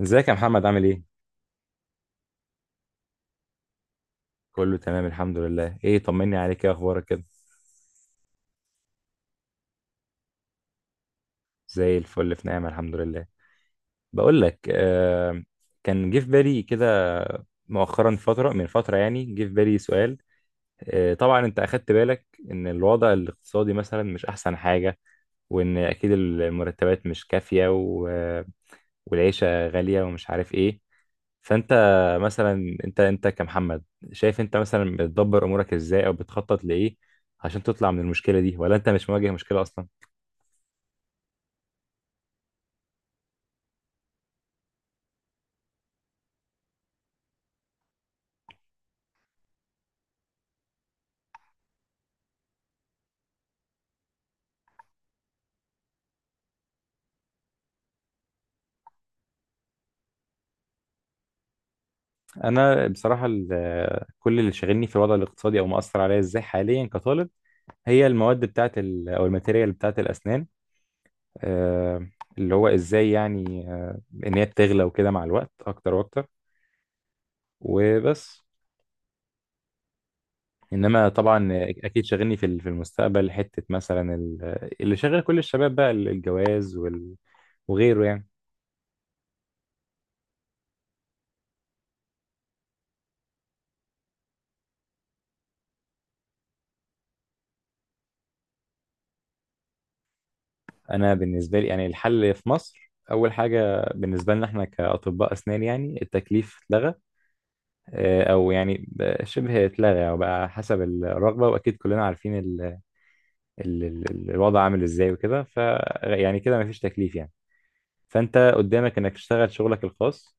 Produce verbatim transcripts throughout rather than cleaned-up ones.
ازيك يا محمد؟ عامل ايه؟ كله تمام، الحمد لله. ايه، طمني عليك، ايه اخبارك كده؟ زي الفل، في نعمة الحمد لله. بقول لك آه كان جه في بالي كده، مؤخرا فترة من فترة يعني جه في بالي سؤال. آه طبعا انت اخدت بالك ان الوضع الاقتصادي مثلا مش احسن حاجة، وان اكيد المرتبات مش كافية، والعيشة غالية ومش عارف ايه. فانت مثلا انت انت كمحمد، شايف انت مثلا بتدبر امورك ازاي او بتخطط لايه عشان تطلع من المشكلة دي، ولا انت مش مواجه مشكلة اصلا؟ انا بصراحه ال- كل اللي شاغلني في الوضع الاقتصادي او مأثر عليا ازاي حاليا كطالب هي المواد بتاعه ال- او الماتيريال بتاعه الاسنان. آه، اللي هو ازاي يعني، آه، ان هي بتغلى وكده مع الوقت اكتر واكتر وبس. انما طبعا اكيد شاغلني في ال- في المستقبل، حته مثلا ال- اللي شاغل كل الشباب بقى ال- الجواز وال- وغيره يعني. انا بالنسبه لي يعني الحل في مصر اول حاجه بالنسبه لنا احنا كاطباء اسنان يعني التكليف اتلغى. آه، او يعني بقى شبه اتلغى او بقى حسب الرغبه، واكيد كلنا عارفين ال ال ال الوضع عامل ازاي وكده. ف يعني كده مفيش تكليف يعني، فانت قدامك انك تشتغل شغلك الخاص.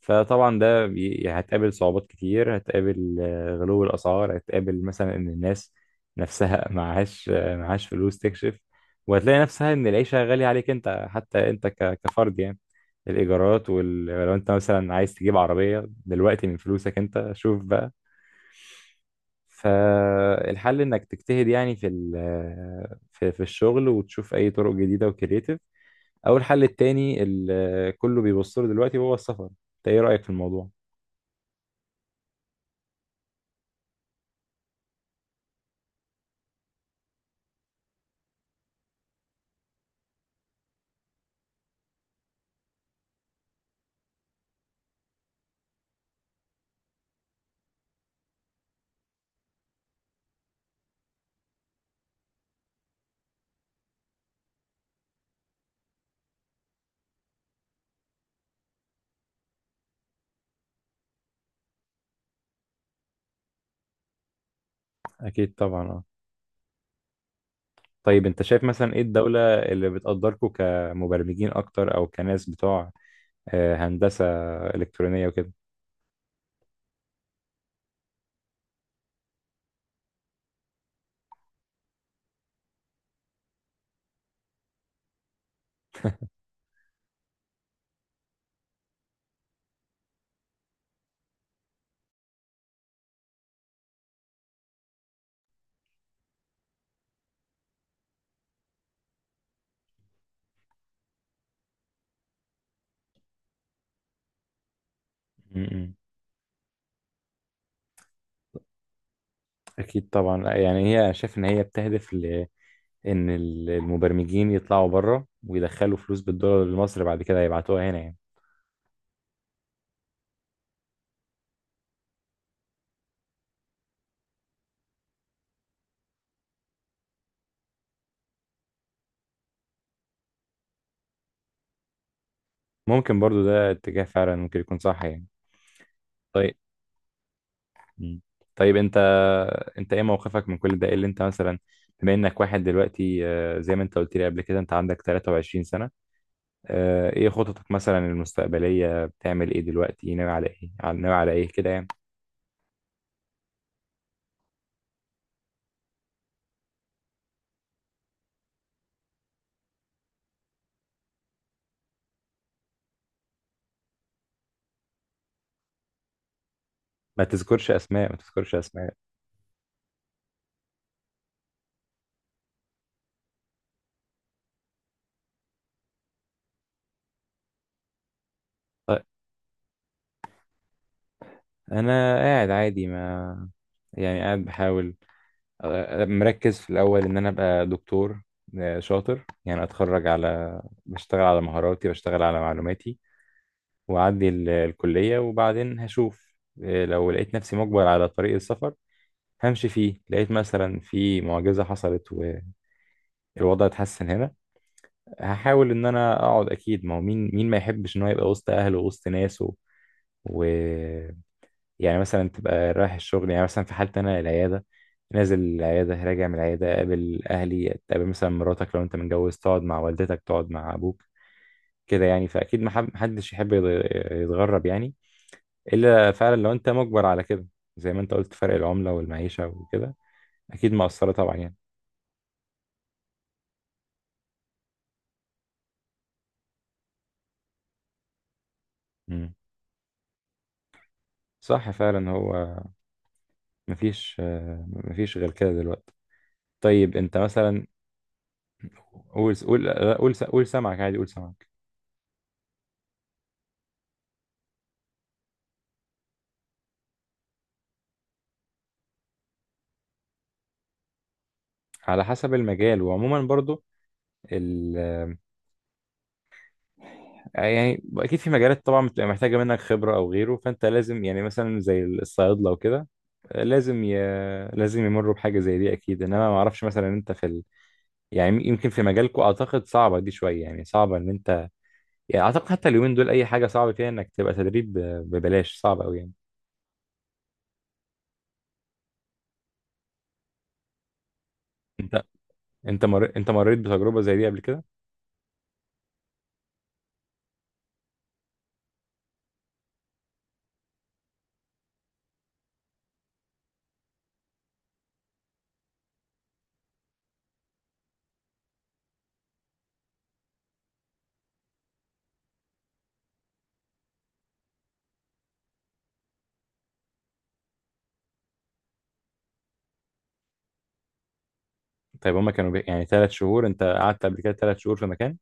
فطبعا ده بي- هتقابل صعوبات كتير، هتقابل آه، غلو الأسعار، هتقابل مثلا إن الناس نفسها معهاش آه، معهاش فلوس تكشف، وهتلاقي نفسها إن العيشة غالية عليك أنت، حتى أنت ك- كفرد يعني. الإيجارات، ولو أنت مثلا عايز تجيب عربية دلوقتي من فلوسك أنت شوف بقى. فالحل إنك تجتهد يعني في ال- آه، في في الشغل، وتشوف أي طرق جديدة وكريتيف، أو الحل التاني اللي كله بيبص له دلوقتي هو السفر. أنت إيه رأيك في الموضوع؟ اكيد طبعا، اه. طيب انت شايف مثلا ايه الدولة اللي بتقدركم كمبرمجين اكتر، او كناس بتوع آه، هندسة الكترونية وكده؟ م-م. اكيد طبعا، لا، يعني هي أنا شايف ان هي بتهدف ل ان ال- المبرمجين يطلعوا بره ويدخلوا فلوس بالدولار لمصر، بعد كده يبعتوها هنا يعني. ممكن برضو ده اتجاه فعلا ممكن يكون صح يعني. طيب. م. طيب انت انت ايه موقفك من كل ده؟ ايه اللي انت مثلا، بما انك واحد دلوقتي، آه، زي ما انت قلت لي قبل كده انت عندك تلاتة وعشرين سنة. آه، ايه خططك مثلا المستقبلية؟ بتعمل ايه دلوقتي؟ ناوي على ايه، على- ناوي على ايه كده يعني؟ ما تذكرش اسماء، ما تذكرش اسماء. طيب، انا قاعد عادي ما، يعني قاعد بحاول، آه، مركز في الاول ان انا ابقى دكتور آه، شاطر يعني، اتخرج، على بشتغل على مهاراتي، بشتغل على معلوماتي، واعدي ال- الكلية وبعدين هشوف. آه، لو لقيت نفسي مجبر على طريق السفر همشي فيه. لقيت مثلا في معجزة حصلت والوضع اتحسن هنا، هحاول ان انا اقعد. اكيد ما هو مين مين ما يحبش ان هو يبقى وسط اهله ووسط ناسه، و يعني مثلا تبقى رايح الشغل، يعني مثلا في حالتي انا العياده، نازل العياده، راجع من العياده، اقابل اهلي، اقابل مثلا مراتك لو انت متجوز، تقعد مع والدتك، تقعد مع ابوك. كده يعني، فاكيد ما حب- محدش يحب يض- يتغرب يعني، الا فعلا لو انت مجبر على كده، زي ما انت قلت. فرق العمله والمعيشه وكده اكيد مأثره طبعا يعني. مم. صح فعلا. هو مفيش، آه، مفيش غير كده دلوقتي. طيب انت مثلا، قول قول، لا، قول س- قول سمعك عادي، قول سمعك. على حسب المجال، وعموما برضو ال يعني اكيد في مجالات طبعا بتبقى محتاجه منك خبره او غيره، فانت لازم يعني مثلا زي الصيادله وكده لازم ي... لازم يمروا بحاجه زي دي اكيد. انما ما اعرفش مثلا انت في ال... يعني يمكن في مجالكم اعتقد صعبه دي شويه، يعني صعبه ان انت يعني، اعتقد حتى اليومين دول اي حاجه صعبه فيها انك تبقى تدريب ب- ببلاش صعبه قوي يعني. انت انت مر... انت مريت بتجربه زي دي قبل كده؟ طيب هما كانوا بي... يعني ثلاث شهور انت قعدت قبل كده ثلاث شهور في مكان؟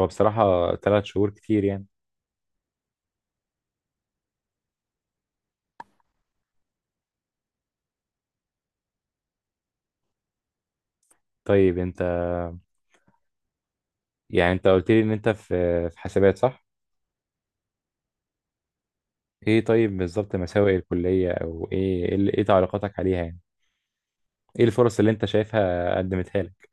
هو بصراحة ثلاث شهور كتير يعني. طيب انت، يعني انت قلت لي ان انت في في حسابات صح؟ ايه طيب بالظبط مساوئ الكلية او ايه؟ ايه اللي- إيه تعليقاتك عليها يعني؟ ايه الفرص اللي انت شايفها قدمتها لك؟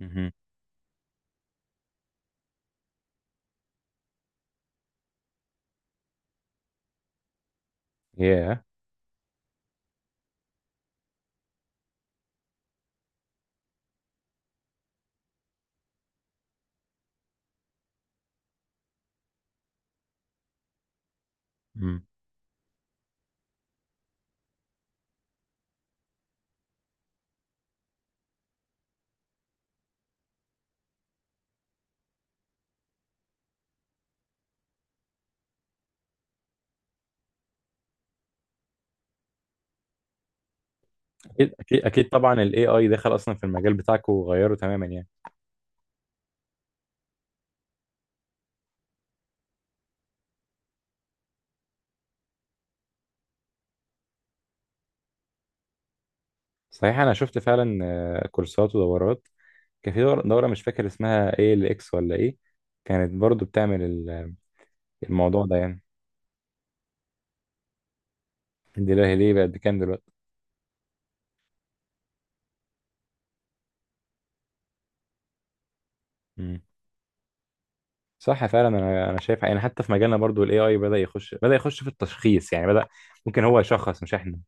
مهم. ياه. مم. اكيد اكيد اكيد طبعا. الاي اي دخل اصلا في المجال بتاعك وغيره تماما يعني. صحيح، انا شفت فعلا آه، كورسات ودورات. كان في دور- دورة مش فاكر اسمها ايه، الاكس ولا ايه، كانت برضو بتعمل ال- الموضوع ده يعني. دلوقتي ليه بقت بكام دلوقتي؟ مم. صح فعلا. انا انا شايف يعني حتى في مجالنا برضو الاي اي بدأ يخش، بدأ يخش في التشخيص يعني، بدأ ممكن هو يشخص مش احنا.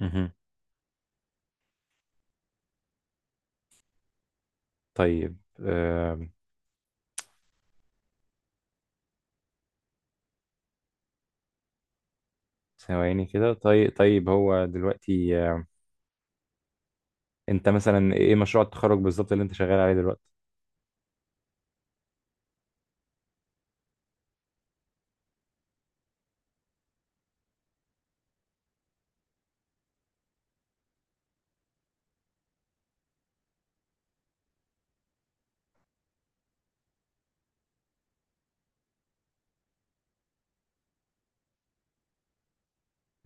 مهم. طيب آم، ثواني كده. طيب طيب هو دلوقتي، آه، انت مثلا ايه مشروع التخرج بالظبط اللي انت شغال عليه دلوقتي؟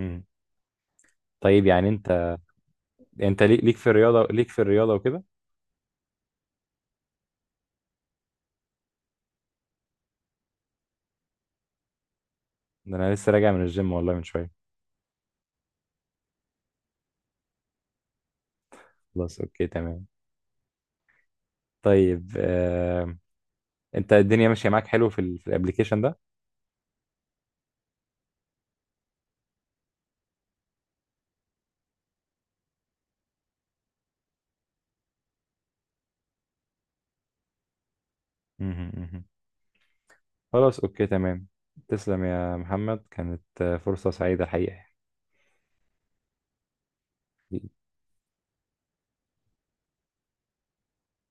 مم. طيب يعني انت، انت ليك ليك في الرياضة ليك في الرياضة وكده. ده انا لسه راجع من الجيم والله من شوية. خلاص، اوكي تمام. طيب آم، انت الدنيا ماشية معاك حلو في ال- في الابليكيشن ده؟ مهم. مهم. خلاص أوكي تمام. تسلم يا محمد، كانت آه، فرصة سعيدة الحقيقة.